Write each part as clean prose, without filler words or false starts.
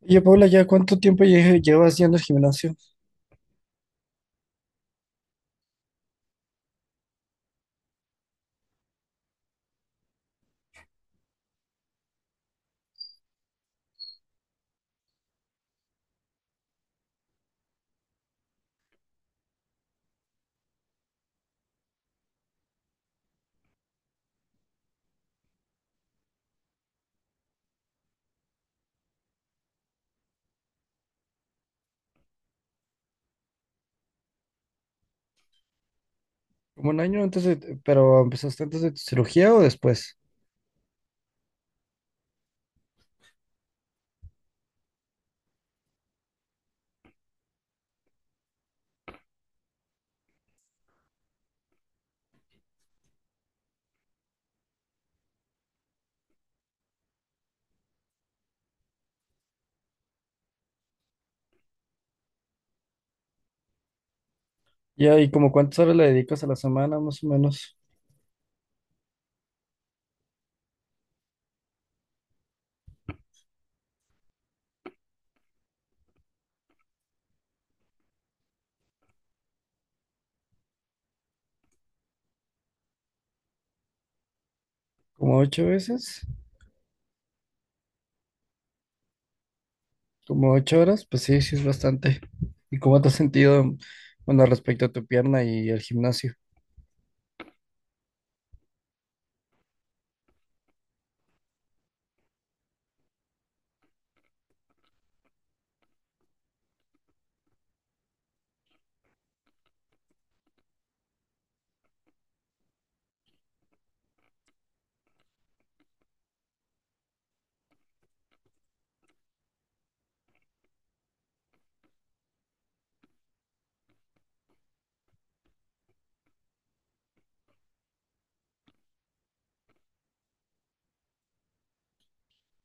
Oye, Paula, ¿ya cuánto tiempo llevas yendo al gimnasio? ¿Como un año antes de, pero empezaste antes de tu cirugía o después? Ya, ¿y como cuántas horas le dedicas a la semana, más o menos? ¿Como ocho veces? ¿Como ocho horas? Pues sí, sí es bastante. ¿Y cómo te has sentido, bueno, respecto a tu pierna y el gimnasio?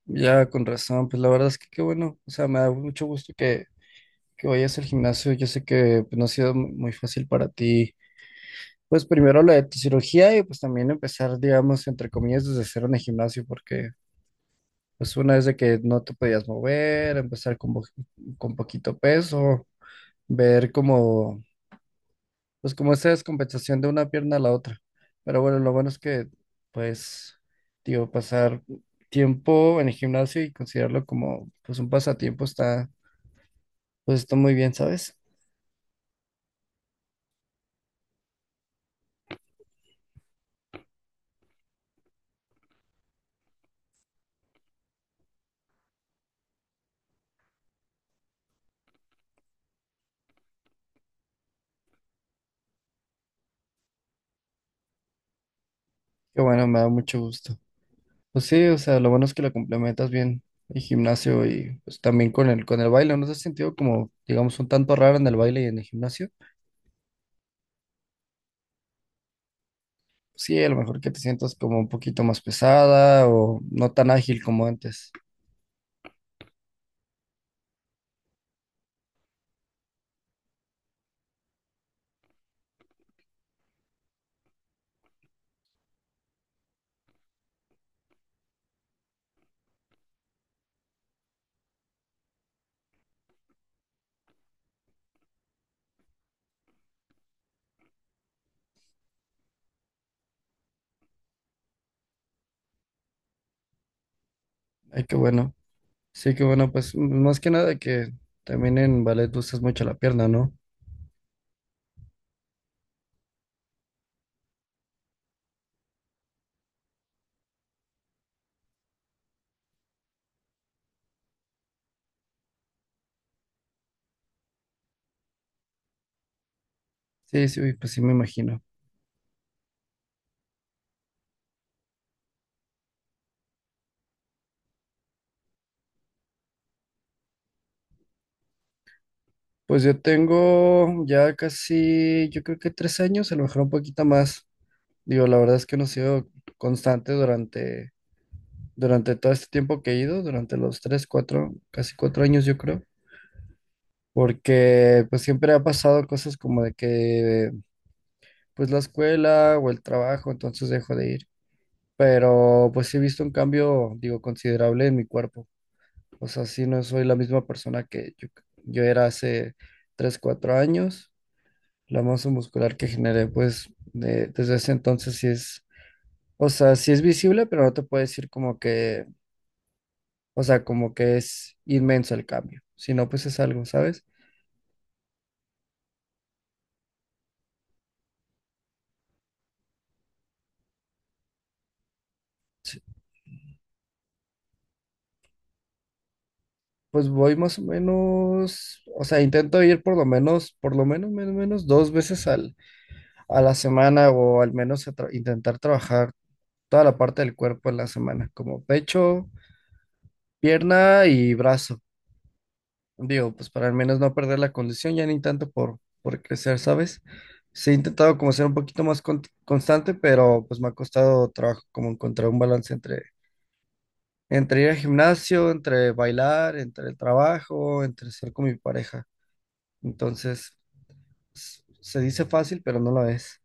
Ya, con razón, pues la verdad es que qué bueno. O sea, me da mucho gusto que vayas al gimnasio. Yo sé que pues no ha sido muy fácil para ti. Pues primero la de tu cirugía y pues también empezar, digamos, entre comillas, desde cero en el gimnasio, porque pues una vez de que no te podías mover, empezar con, con poquito peso, ver como, pues como esa descompensación de una pierna a la otra. Pero bueno, lo bueno es que, pues, digo, pasar tiempo en el gimnasio y considerarlo como, pues, un pasatiempo está, pues está muy bien, ¿sabes? Que bueno, me da mucho gusto. Pues sí, o sea, lo bueno es que lo complementas bien el gimnasio y pues también con el baile. ¿No te has sentido como, digamos, un tanto raro en el baile y en el gimnasio? Sí, a lo mejor que te sientas como un poquito más pesada o no tan ágil como antes. Ay, qué bueno. Sí, qué bueno, pues más que nada que también en ballet usas mucho la pierna, ¿no? Sí, sí, pues sí me imagino. Pues yo tengo ya casi, yo creo que tres años, a lo mejor un poquito más. Digo, la verdad es que no he sido constante durante todo este tiempo que he ido, durante los tres, cuatro, casi cuatro años yo creo, porque pues siempre ha pasado cosas como de que pues la escuela o el trabajo, entonces dejo de ir, pero pues sí he visto un cambio, digo, considerable en mi cuerpo. O sea, sí, no soy la misma persona que yo era hace tres, cuatro años. La masa muscular que generé pues desde ese entonces sí es, o sea, sí es visible, pero no te puedo decir como que... O sea, como que es inmenso el cambio. Si no, pues es algo, ¿sabes? Sí. Pues voy más o menos, o sea, intento ir por lo menos, menos dos veces al, a la semana, o al menos a intentar trabajar toda la parte del cuerpo en la semana, como pecho, pierna y brazo. Digo, pues para al menos no perder la condición, ya ni tanto por crecer, ¿sabes? Sí, he intentado como ser un poquito más constante, pero pues me ha costado trabajo como encontrar un balance entre ir al gimnasio, entre bailar, entre el trabajo, entre ser con mi pareja. Entonces, se dice fácil, pero no lo es.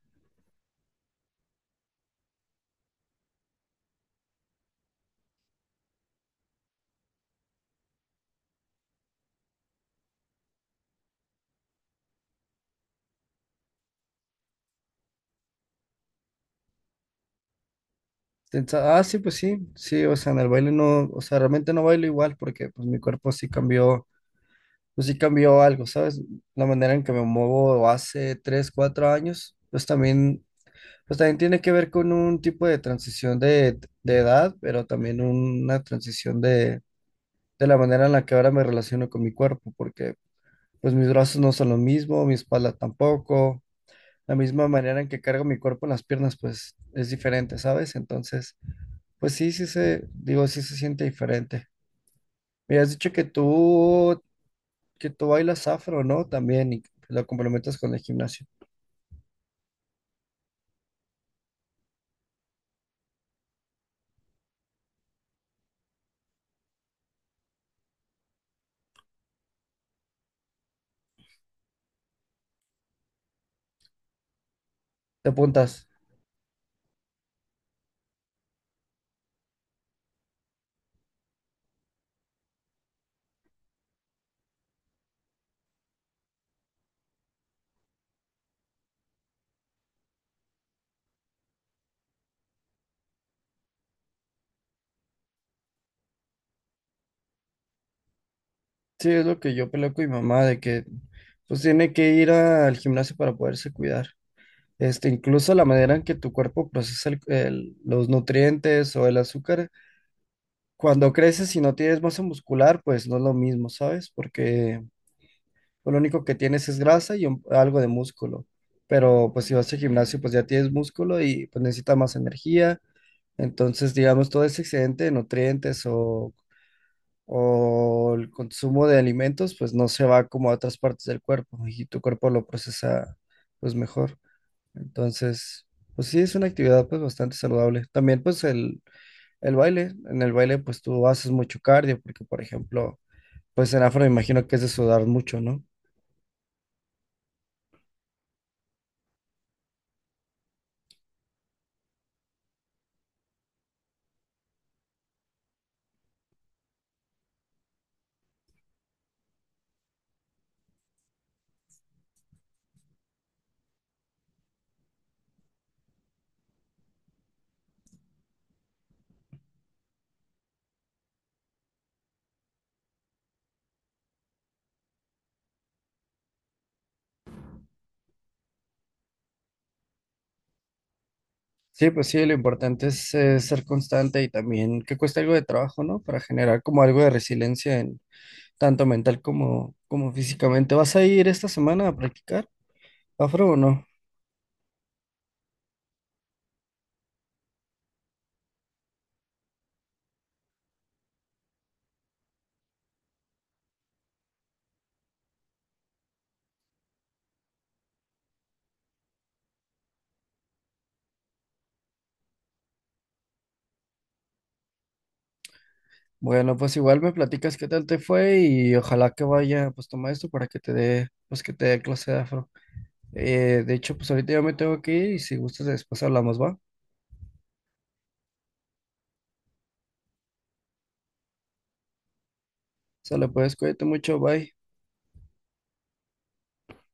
Piensa, ah, sí, pues sí, sí, o sea, en el baile no, o sea, realmente no bailo igual porque pues mi cuerpo sí cambió, pues sí cambió algo, ¿sabes? La manera en que me muevo hace 3, 4 años, pues también tiene que ver con un tipo de transición de edad, pero también una transición de la manera en la que ahora me relaciono con mi cuerpo, porque pues mis brazos no son lo mismo, mi espalda tampoco. La misma manera en que cargo mi cuerpo en las piernas, pues es diferente, ¿sabes? Entonces, pues sí, sí se, digo, sí se siente diferente. Me has dicho que tú bailas afro, ¿no? También, y lo complementas con el gimnasio. Te apuntas. Sí, es lo que yo peleo con mi mamá, de que pues tiene que ir al gimnasio para poderse cuidar. Este, incluso la manera en que tu cuerpo procesa los nutrientes o el azúcar, cuando creces y no tienes masa muscular, pues no es lo mismo, ¿sabes? Porque pues lo único que tienes es grasa y algo de músculo. Pero pues si vas al gimnasio, pues ya tienes músculo y pues necesitas más energía. Entonces, digamos, todo ese excedente de nutrientes o el consumo de alimentos, pues no se va como a otras partes del cuerpo y tu cuerpo lo procesa pues mejor. Entonces, pues sí, es una actividad pues bastante saludable. También pues el baile, en el baile pues tú haces mucho cardio, porque por ejemplo, pues en afro me imagino que es de sudar mucho, ¿no? Sí, pues sí, lo importante es ser constante y también que cueste algo de trabajo, ¿no? Para generar como algo de resiliencia en tanto mental como, como físicamente. ¿Vas a ir esta semana a practicar afro o no? Bueno, pues igual me platicas qué tal te fue y ojalá que vaya pues tu maestro para que te dé, pues que te dé clase de afro. De hecho, pues ahorita ya me tengo que ir y si gustas después hablamos, ¿va? Sale, pues cuídate mucho, bye.